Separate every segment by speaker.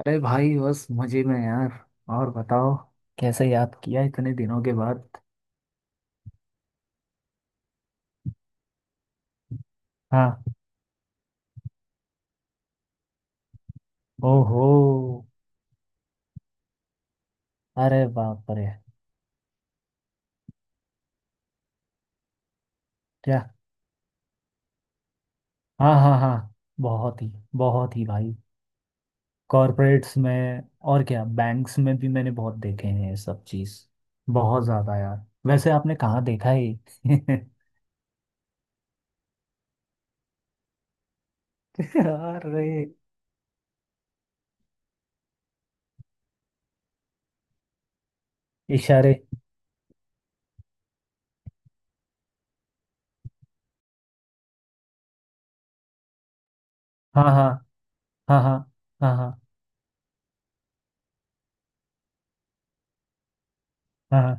Speaker 1: अरे भाई, बस मजे में यार। और बताओ। कैसे याद किया इतने दिनों के बाद। हाँ। ओहो। अरे बाप रे। क्या। हाँ हाँ हाँ। बहुत ही भाई। कॉरपोरेट्स में। और क्या, बैंक्स में भी मैंने बहुत देखे हैं ये सब चीज़। बहुत ज़्यादा यार, वैसे आपने कहाँ देखा है ये? अरे। इशारे। हाँ हाँ हाँ हाँ हाँ हाँ। हाँ हाँ,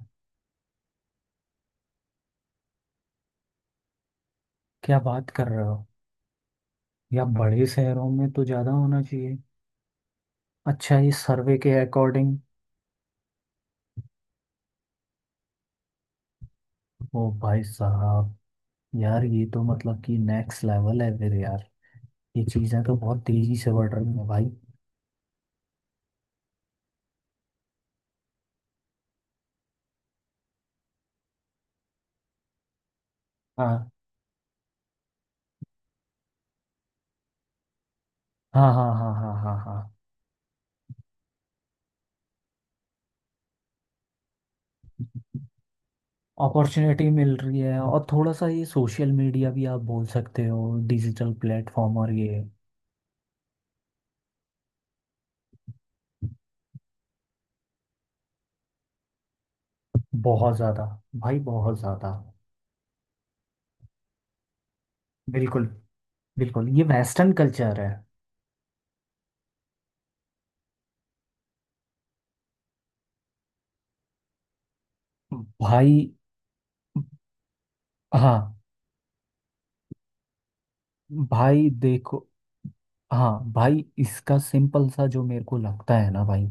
Speaker 1: क्या बात कर रहे हो। या बड़े शहरों में तो ज्यादा होना चाहिए। अच्छा ये सर्वे के अकॉर्डिंग। ओ भाई साहब। यार ये तो मतलब कि नेक्स्ट लेवल है फिर यार। ये चीज़ें तो बहुत तेजी से बढ़ रही हैं भाई। हाँ हाँ हाँ हाँ हाँ हाँ हाँ। अपॉर्चुनिटी मिल रही है, और थोड़ा सा ये सोशल मीडिया भी आप बोल सकते हो। डिजिटल प्लेटफॉर्म और ये। बहुत ज़्यादा। भाई बहुत ज़्यादा। बिल्कुल। बिल्कुल, ये वेस्टर्न कल्चर है भाई। हाँ। भाई देखो। हाँ भाई, इसका सिंपल सा जो मेरे को लगता है ना भाई,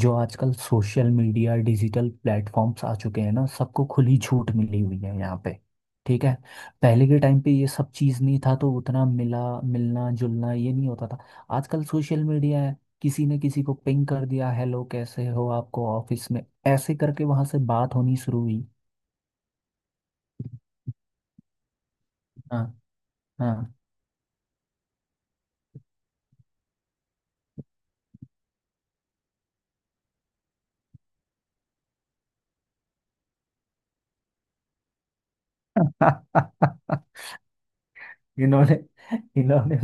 Speaker 1: जो आजकल सोशल मीडिया, डिजिटल प्लेटफॉर्म्स आ चुके हैं ना, सबको खुली छूट मिली हुई है यहाँ पे। ठीक है। पहले के टाइम पे ये सब चीज़ नहीं था, तो उतना मिला मिलना जुलना ये नहीं होता था। आजकल सोशल मीडिया है। किसी ने किसी को पिंग कर दिया, हेलो कैसे हो, आपको ऑफिस में ऐसे करके वहां से बात होनी शुरू हुई। हाँ हाँ। इन्होंने इन्होंने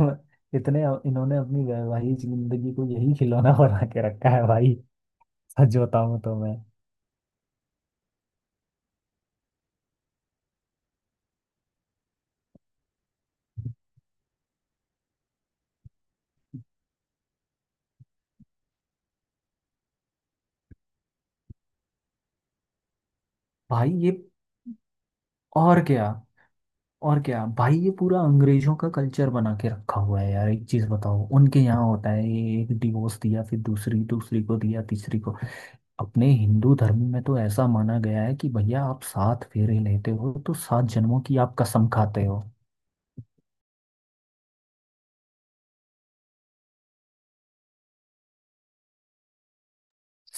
Speaker 1: इतने इन्होंने अपनी वैवाहिक जिंदगी को यही खिलौना बना के रखा है भाई। सच बताऊं तो मैं। भाई ये। और क्या। और क्या भाई, ये पूरा अंग्रेजों का कल्चर बना के रखा हुआ है यार, एक चीज बताओ, उनके यहाँ होता है ये, एक डिवोर्स दिया, फिर दूसरी, दूसरी को दिया, तीसरी को। अपने हिंदू धर्म में तो ऐसा माना गया है कि भैया, आप सात फेरे लेते हो तो सात जन्मों की आप कसम खाते हो।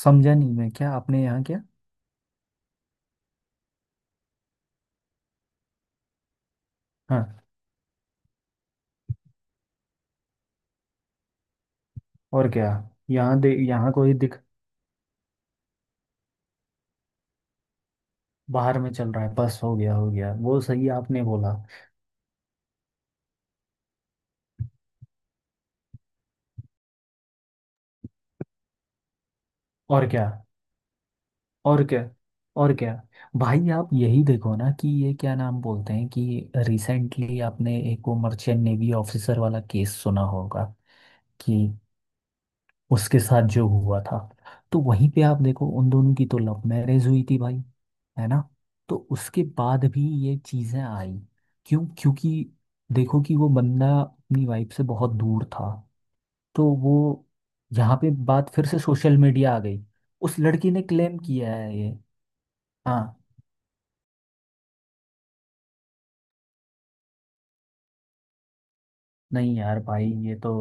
Speaker 1: समझा नहीं मैं, क्या आपने यहाँ क्या। हाँ। और क्या। यहाँ कोई दिख। बाहर में चल रहा है, बस हो गया, हो गया वो, सही आपने बोला। और क्या। और क्या। और क्या। भाई आप यही देखो ना, कि ये क्या नाम बोलते हैं कि रिसेंटली आपने एक वो मर्चेंट नेवी ऑफिसर वाला केस सुना होगा। कि उसके साथ जो हुआ था। तो वहीं पे आप देखो, उन दोनों की तो लव मैरिज हुई थी भाई। है ना। तो उसके बाद भी ये चीज़ें आई। क्यों, क्योंकि देखो कि वो बंदा अपनी वाइफ से बहुत दूर था। तो वो यहाँ पे बात फिर से सोशल मीडिया आ गई। उस लड़की ने क्लेम किया है ये। हाँ। नहीं यार भाई ये तो।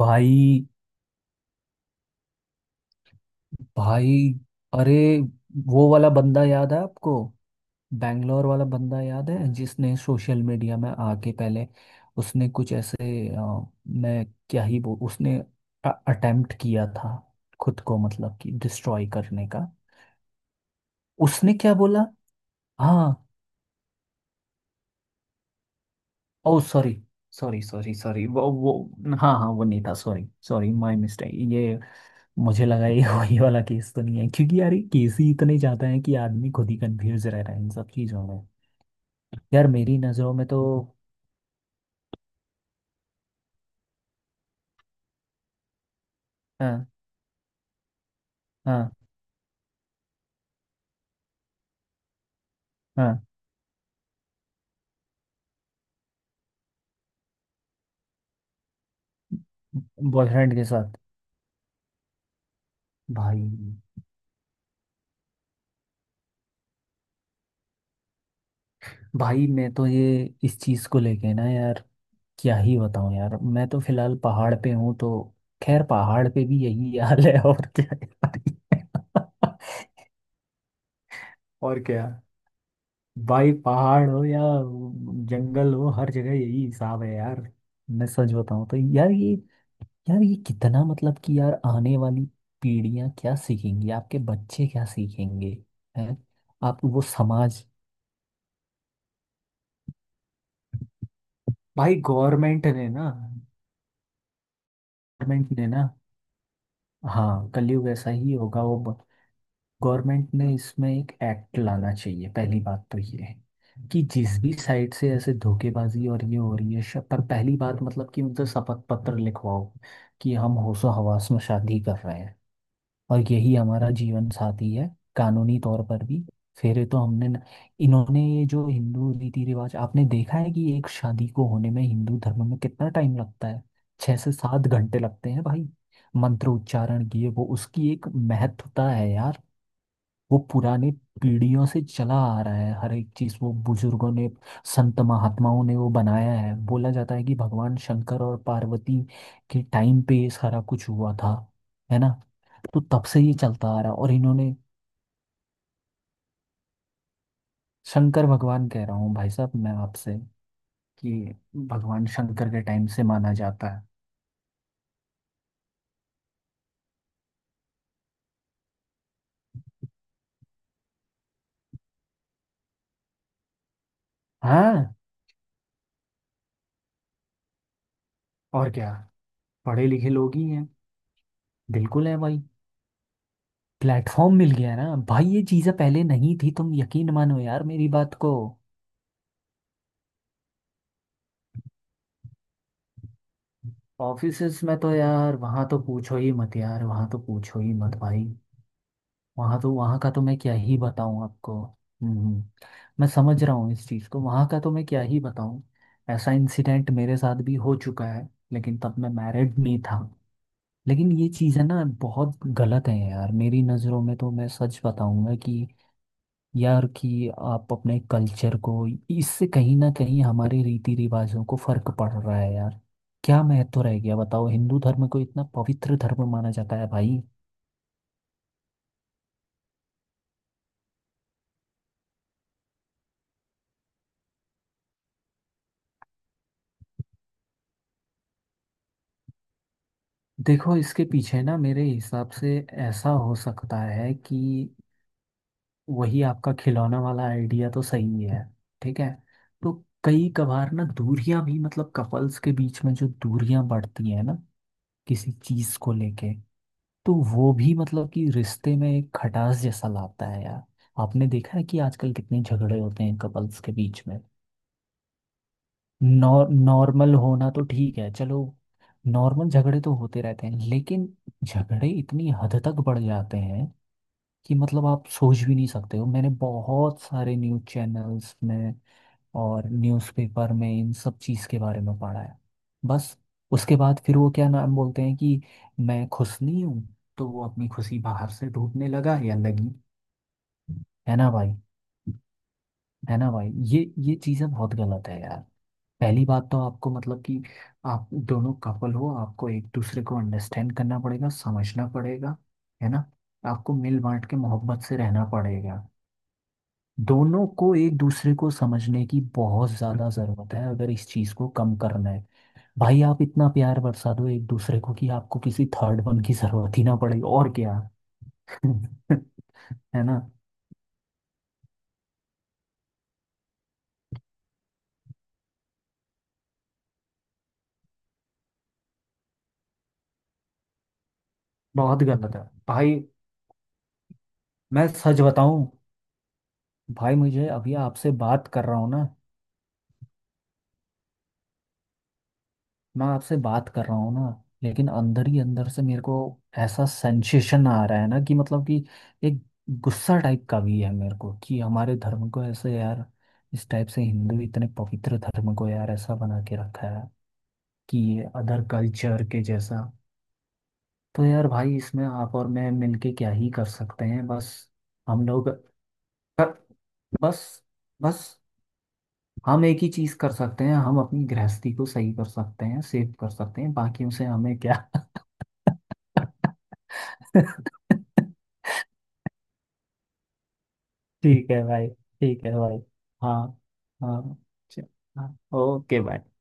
Speaker 1: भाई। भाई। अरे वो वाला बंदा याद है आपको। बैंगलोर वाला बंदा याद है, जिसने सोशल मीडिया में आके पहले, उसने कुछ ऐसे मैं क्या ही बोल, उसने अटेम्प्ट किया था, खुद को मतलब कि डिस्ट्रॉय करने का। उसने क्या बोला। हाँ। Oh sorry. Sorry sorry sorry वो। हाँ हाँ, वो नहीं था, सॉरी सॉरी, माय मिस्टेक ये। मुझे लगा ये वही वाला केस तो नहीं है, क्योंकि यार ये केस ही इतने ज़्यादा हैं कि आदमी खुद ही कंफ्यूज रह रहा है इन सब चीज़ों में। यार मेरी नज़रों में तो। हाँ हाँ हाँ। बॉयफ्रेंड के साथ। भाई। भाई मैं तो ये इस चीज़ को लेके ना यार, क्या ही बताऊँ यार, मैं तो फिलहाल पहाड़ पे हूँ तो। खैर, पहाड़ पे भी यही हाल है और क्या है? और क्या भाई, पहाड़ हो या जंगल हो, हर जगह यही हिसाब है यार। मैं सच बताऊं तो यार ये, यार ये कितना मतलब कि यार, आने वाली पीढ़ियां क्या सीखेंगी, आपके बच्चे क्या सीखेंगे। हैं। आप वो समाज। भाई गवर्नमेंट ने ना। गवर्नमेंट ने ना। हाँ, कलयुग ऐसा ही होगा वो। गवर्नमेंट ने इसमें एक एक्ट लाना चाहिए, पहली बात तो ये है कि जिस भी साइड से ऐसे धोखेबाजी और ये हो रही है, पर पहली बात मतलब कि उनसे शपथ पत्र लिखवाओ, कि हम होशो हवास में शादी कर रहे हैं और यही हमारा जीवन साथी है। कानूनी तौर पर भी। फिर तो हमने न, इन्होंने ये जो हिंदू रीति रिवाज आपने देखा है, कि एक शादी को होने में हिंदू धर्म में कितना टाइम लगता है। 6 से 7 घंटे लगते हैं भाई। मंत्र उच्चारण किए, वो उसकी एक महत्वता है यार। वो पुराने पीढ़ियों से चला आ रहा है, हर एक चीज वो बुजुर्गों ने, संत महात्माओं ने वो बनाया है। बोला जाता है कि भगवान शंकर और पार्वती के टाइम पे ये सारा कुछ हुआ था। है ना। तो तब से ये चलता आ रहा है, और इन्होंने। शंकर भगवान, कह रहा हूँ भाई साहब मैं आपसे, कि भगवान शंकर के टाइम से माना जाता है। हाँ। और क्या। पढ़े लिखे लोग ही हैं। बिल्कुल है भाई। प्लेटफॉर्म मिल गया ना भाई, ये चीजें पहले नहीं थी, तुम यकीन मानो यार मेरी बात को। ऑफिसेस में तो यार, वहाँ तो पूछो ही मत यार, वहाँ तो पूछो ही मत भाई। वहाँ तो, वहाँ का तो मैं क्या ही बताऊँ आपको। हम्म। मैं समझ रहा हूँ इस चीज़ को, वहाँ का तो मैं क्या ही बताऊँ। ऐसा इंसिडेंट मेरे साथ भी हो चुका है। लेकिन तब मैं मैरिड नहीं था। लेकिन ये चीज़ें ना बहुत गलत हैं यार, मेरी नज़रों में तो। मैं सच बताऊँगा कि यार, कि आप अपने कल्चर को, इससे कहीं ना कहीं हमारे रीति रिवाजों को फर्क पड़ रहा है यार। क्या महत्व रह गया बताओ, हिंदू धर्म को इतना पवित्र धर्म माना जाता है। भाई देखो, इसके पीछे ना मेरे हिसाब से ऐसा हो सकता है कि वही आपका खिलौना वाला आइडिया तो सही है। ठीक है। तो कई कभार ना दूरियां भी, मतलब कपल्स के बीच में जो दूरियां बढ़ती है ना, किसी चीज को लेके, तो वो भी मतलब कि रिश्ते में एक खटास जैसा लाता है यार। आपने देखा है कि आजकल कितने झगड़े होते हैं कपल्स के बीच में। नॉर्मल होना तो ठीक है चलो, नॉर्मल झगड़े तो होते रहते हैं, लेकिन झगड़े इतनी हद तक बढ़ जाते हैं कि मतलब आप सोच भी नहीं सकते हो। मैंने बहुत सारे न्यूज़ चैनल्स में और न्यूज़पेपर में इन सब चीज़ के बारे में पढ़ा है। बस उसके बाद फिर वो क्या नाम बोलते हैं कि मैं खुश नहीं हूँ, तो वो अपनी खुशी बाहर से ढूंढने लगा या लगी। है ना भाई। है ना भाई ये चीज़ें बहुत गलत है यार। पहली बात तो आपको मतलब कि आप दोनों कपल हो, आपको एक दूसरे को अंडरस्टैंड करना पड़ेगा, समझना पड़ेगा। है ना। आपको मिल बांट के मोहब्बत से रहना पड़ेगा। दोनों को एक दूसरे को समझने की बहुत ज्यादा जरूरत है, अगर इस चीज को कम करना है। भाई आप इतना प्यार बरसा दो एक दूसरे को कि आपको किसी थर्ड वन की जरूरत ही ना पड़े, और क्या। है ना। बहुत गलत है भाई। मैं सच बताऊं, भाई मुझे अभी आपसे बात कर रहा हूं ना, मैं आपसे बात कर रहा हूँ ना, लेकिन अंदर ही अंदर से मेरे को ऐसा सेंसेशन आ रहा है ना कि मतलब कि एक गुस्सा टाइप का भी है मेरे को, कि हमारे धर्म को ऐसे यार, इस टाइप से, हिंदू इतने पवित्र धर्म को यार ऐसा बना के रखा है, कि ये अदर कल्चर के जैसा। तो यार भाई इसमें आप और मैं मिलके क्या ही कर सकते हैं बस। हम लोग कर, बस, बस, हम एक ही चीज कर सकते हैं, हम अपनी गृहस्थी को सही कर सकते हैं, सेव कर सकते हैं, बाकियों से हमें क्या। ठीक है भाई, ठीक है भाई। हाँ हाँ, च- हाँ ओके भाई।